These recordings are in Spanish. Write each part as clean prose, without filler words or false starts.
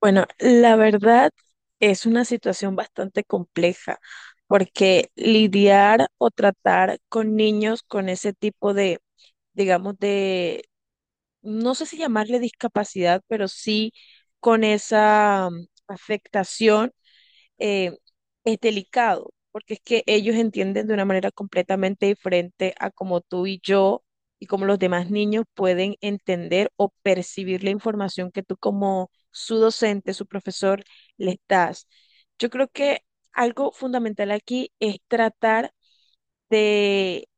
Bueno, la verdad es una situación bastante compleja porque lidiar o tratar con niños con ese tipo de, digamos, de, no sé si llamarle discapacidad, pero sí con esa afectación eh, es delicado, porque es que ellos entienden de una manera completamente diferente a como tú y yo y como los demás niños pueden entender o percibir la información que tú como su docente, su profesor, les das. Yo creo que algo fundamental aquí es tratar de,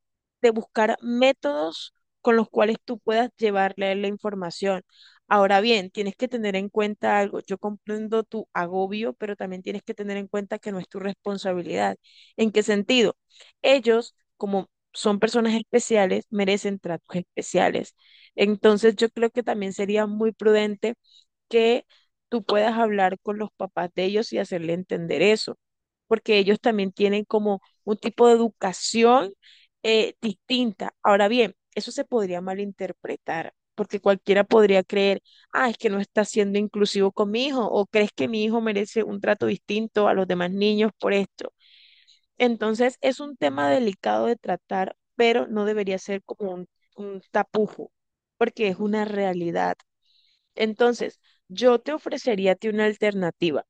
buscar métodos con los cuales tú puedas llevarle la información. Ahora bien, tienes que tener en cuenta algo. Yo comprendo tu agobio, pero también tienes que tener en cuenta que no es tu responsabilidad. ¿En qué sentido? Ellos, como son personas especiales, merecen tratos especiales. Entonces, yo creo que también sería muy prudente que tú puedas hablar con los papás de ellos y hacerle entender eso, porque ellos también tienen como un tipo de educación distinta. Ahora bien, eso se podría malinterpretar, porque cualquiera podría creer, ah, es que no está siendo inclusivo con mi hijo, o crees que mi hijo merece un trato distinto a los demás niños por esto. Entonces, es un tema delicado de tratar, pero no debería ser como un tapujo, porque es una realidad. Entonces, yo te ofrecería a ti una alternativa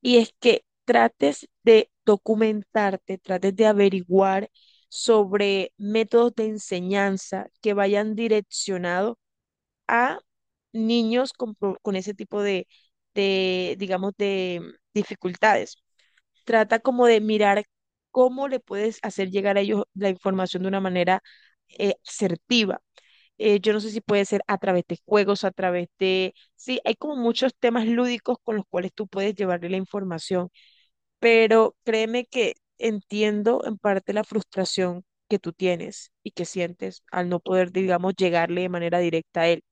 y es que trates de documentarte, trates de averiguar sobre métodos de enseñanza que vayan direccionados a niños con, con ese tipo de, digamos, de dificultades. Trata como de mirar cómo le puedes hacer llegar a ellos la información de una manera asertiva yo no sé si puede ser a través de juegos, a través de... Sí, hay como muchos temas lúdicos con los cuales tú puedes llevarle la información, pero créeme que entiendo en parte la frustración que tú tienes y que sientes al no poder, digamos, llegarle de manera directa a él.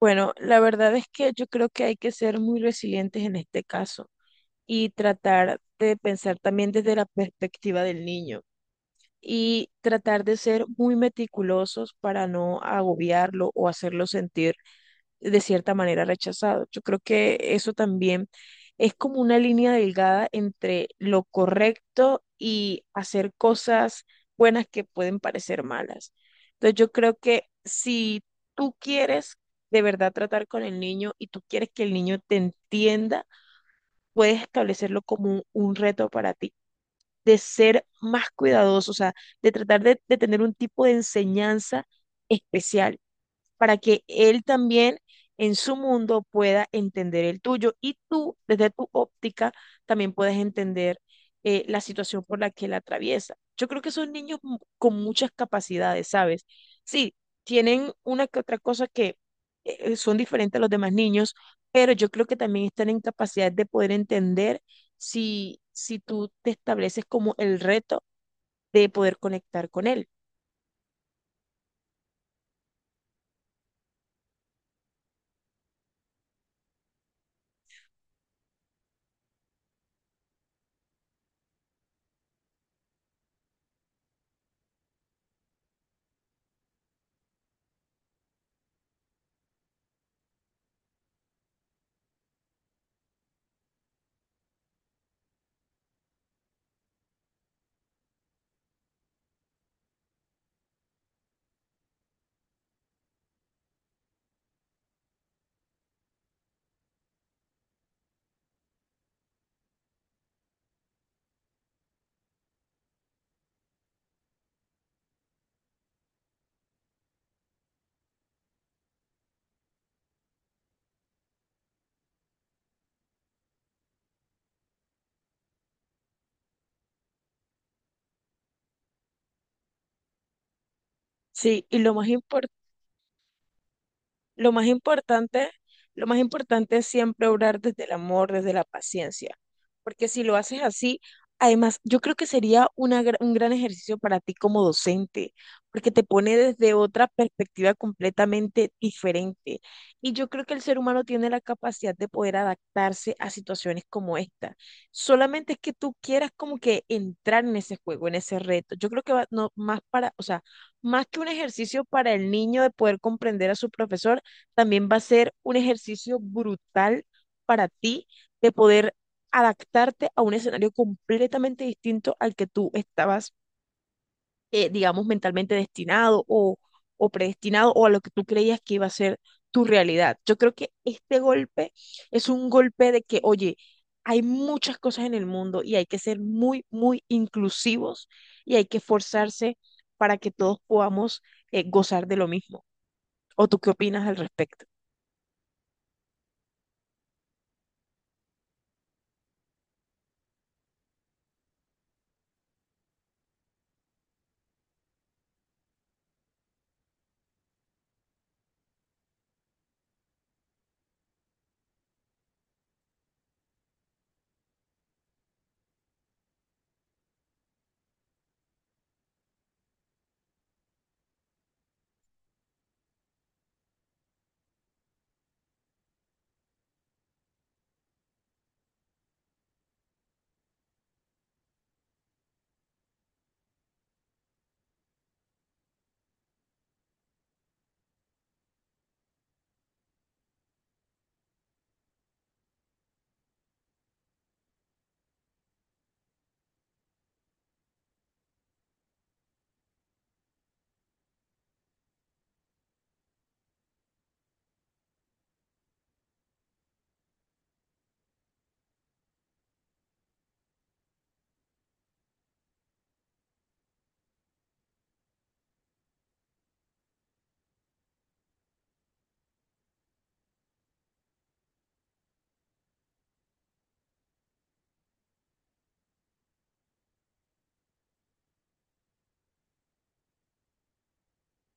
Bueno, la verdad es que yo creo que hay que ser muy resilientes en este caso y tratar de pensar también desde la perspectiva del niño y tratar de ser muy meticulosos para no agobiarlo o hacerlo sentir de cierta manera rechazado. Yo creo que eso también es como una línea delgada entre lo correcto y hacer cosas buenas que pueden parecer malas. Entonces yo creo que si tú quieres de verdad tratar con el niño y tú quieres que el niño te entienda, puedes establecerlo como un reto para ti, de ser más cuidadoso, o sea, de tratar de, tener un tipo de enseñanza especial para que él también en su mundo pueda entender el tuyo y tú, desde tu óptica, también puedes entender la situación por la que él atraviesa. Yo creo que son niños con muchas capacidades, ¿sabes? Sí, tienen una que otra cosa que son diferentes a los demás niños, pero yo creo que también están en capacidad de poder entender si, tú te estableces como el reto de poder conectar con él. Sí, y lo más importante. Lo más importante, lo más importante es siempre obrar desde el amor, desde la paciencia, porque si lo haces así, además, yo creo que sería una un gran ejercicio para ti como docente, porque te pone desde otra perspectiva completamente diferente. Y yo creo que el ser humano tiene la capacidad de poder adaptarse a situaciones como esta. Solamente es que tú quieras como que entrar en ese juego, en ese reto. Yo creo que va no, más para, o sea, más que un ejercicio para el niño de poder comprender a su profesor, también va a ser un ejercicio brutal para ti de poder adaptarte a un escenario completamente distinto al que tú estabas, digamos, mentalmente destinado o, predestinado o a lo que tú creías que iba a ser tu realidad. Yo creo que este golpe es un golpe de que, oye, hay muchas cosas en el mundo y hay que ser muy, muy inclusivos y hay que esforzarse para que todos podamos gozar de lo mismo. ¿O tú qué opinas al respecto?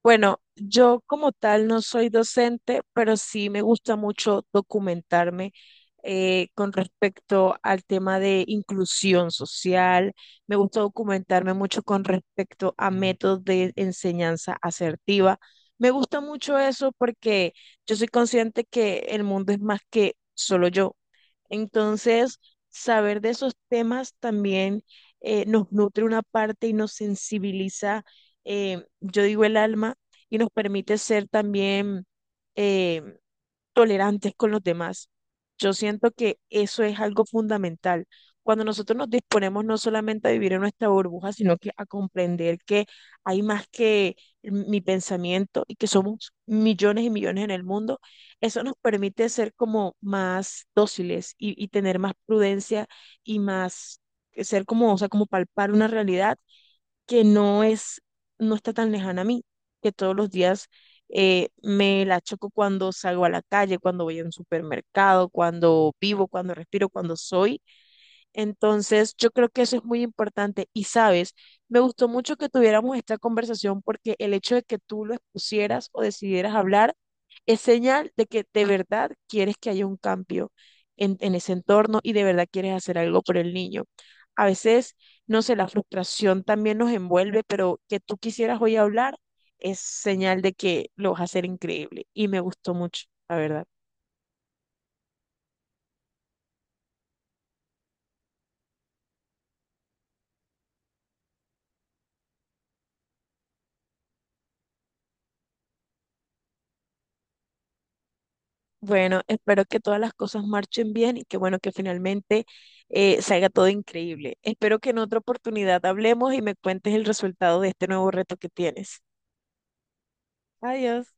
Bueno, yo como tal no soy docente, pero sí me gusta mucho documentarme con respecto al tema de inclusión social. Me gusta documentarme mucho con respecto a métodos de enseñanza asertiva. Me gusta mucho eso porque yo soy consciente que el mundo es más que solo yo. Entonces, saber de esos temas también nos nutre una parte y nos sensibiliza, yo digo el alma, y nos permite ser también eh, tolerantes con los demás. Yo siento que eso es algo fundamental. Cuando nosotros nos disponemos no solamente a vivir en nuestra burbuja, sino que a comprender que hay más que mi pensamiento y que somos millones y millones en el mundo, eso nos permite ser como más dóciles y, tener más prudencia y más ser como, o sea, como palpar una realidad que no es, no está tan lejana a mí, que todos los días me la choco cuando salgo a la calle, cuando voy a un supermercado, cuando vivo, cuando respiro, cuando soy entonces, yo creo que eso es muy importante. Y sabes, me gustó mucho que tuviéramos esta conversación porque el hecho de que tú lo expusieras o decidieras hablar es señal de que de verdad quieres que haya un cambio en, ese entorno y de verdad quieres hacer algo por el niño. A veces, no sé, la frustración también nos envuelve, pero que tú quisieras hoy hablar es señal de que lo vas a hacer increíble. Y me gustó mucho, la verdad. Bueno, espero que todas las cosas marchen bien y que bueno, que finalmente salga todo increíble. Espero que en otra oportunidad hablemos y me cuentes el resultado de este nuevo reto que tienes. Adiós.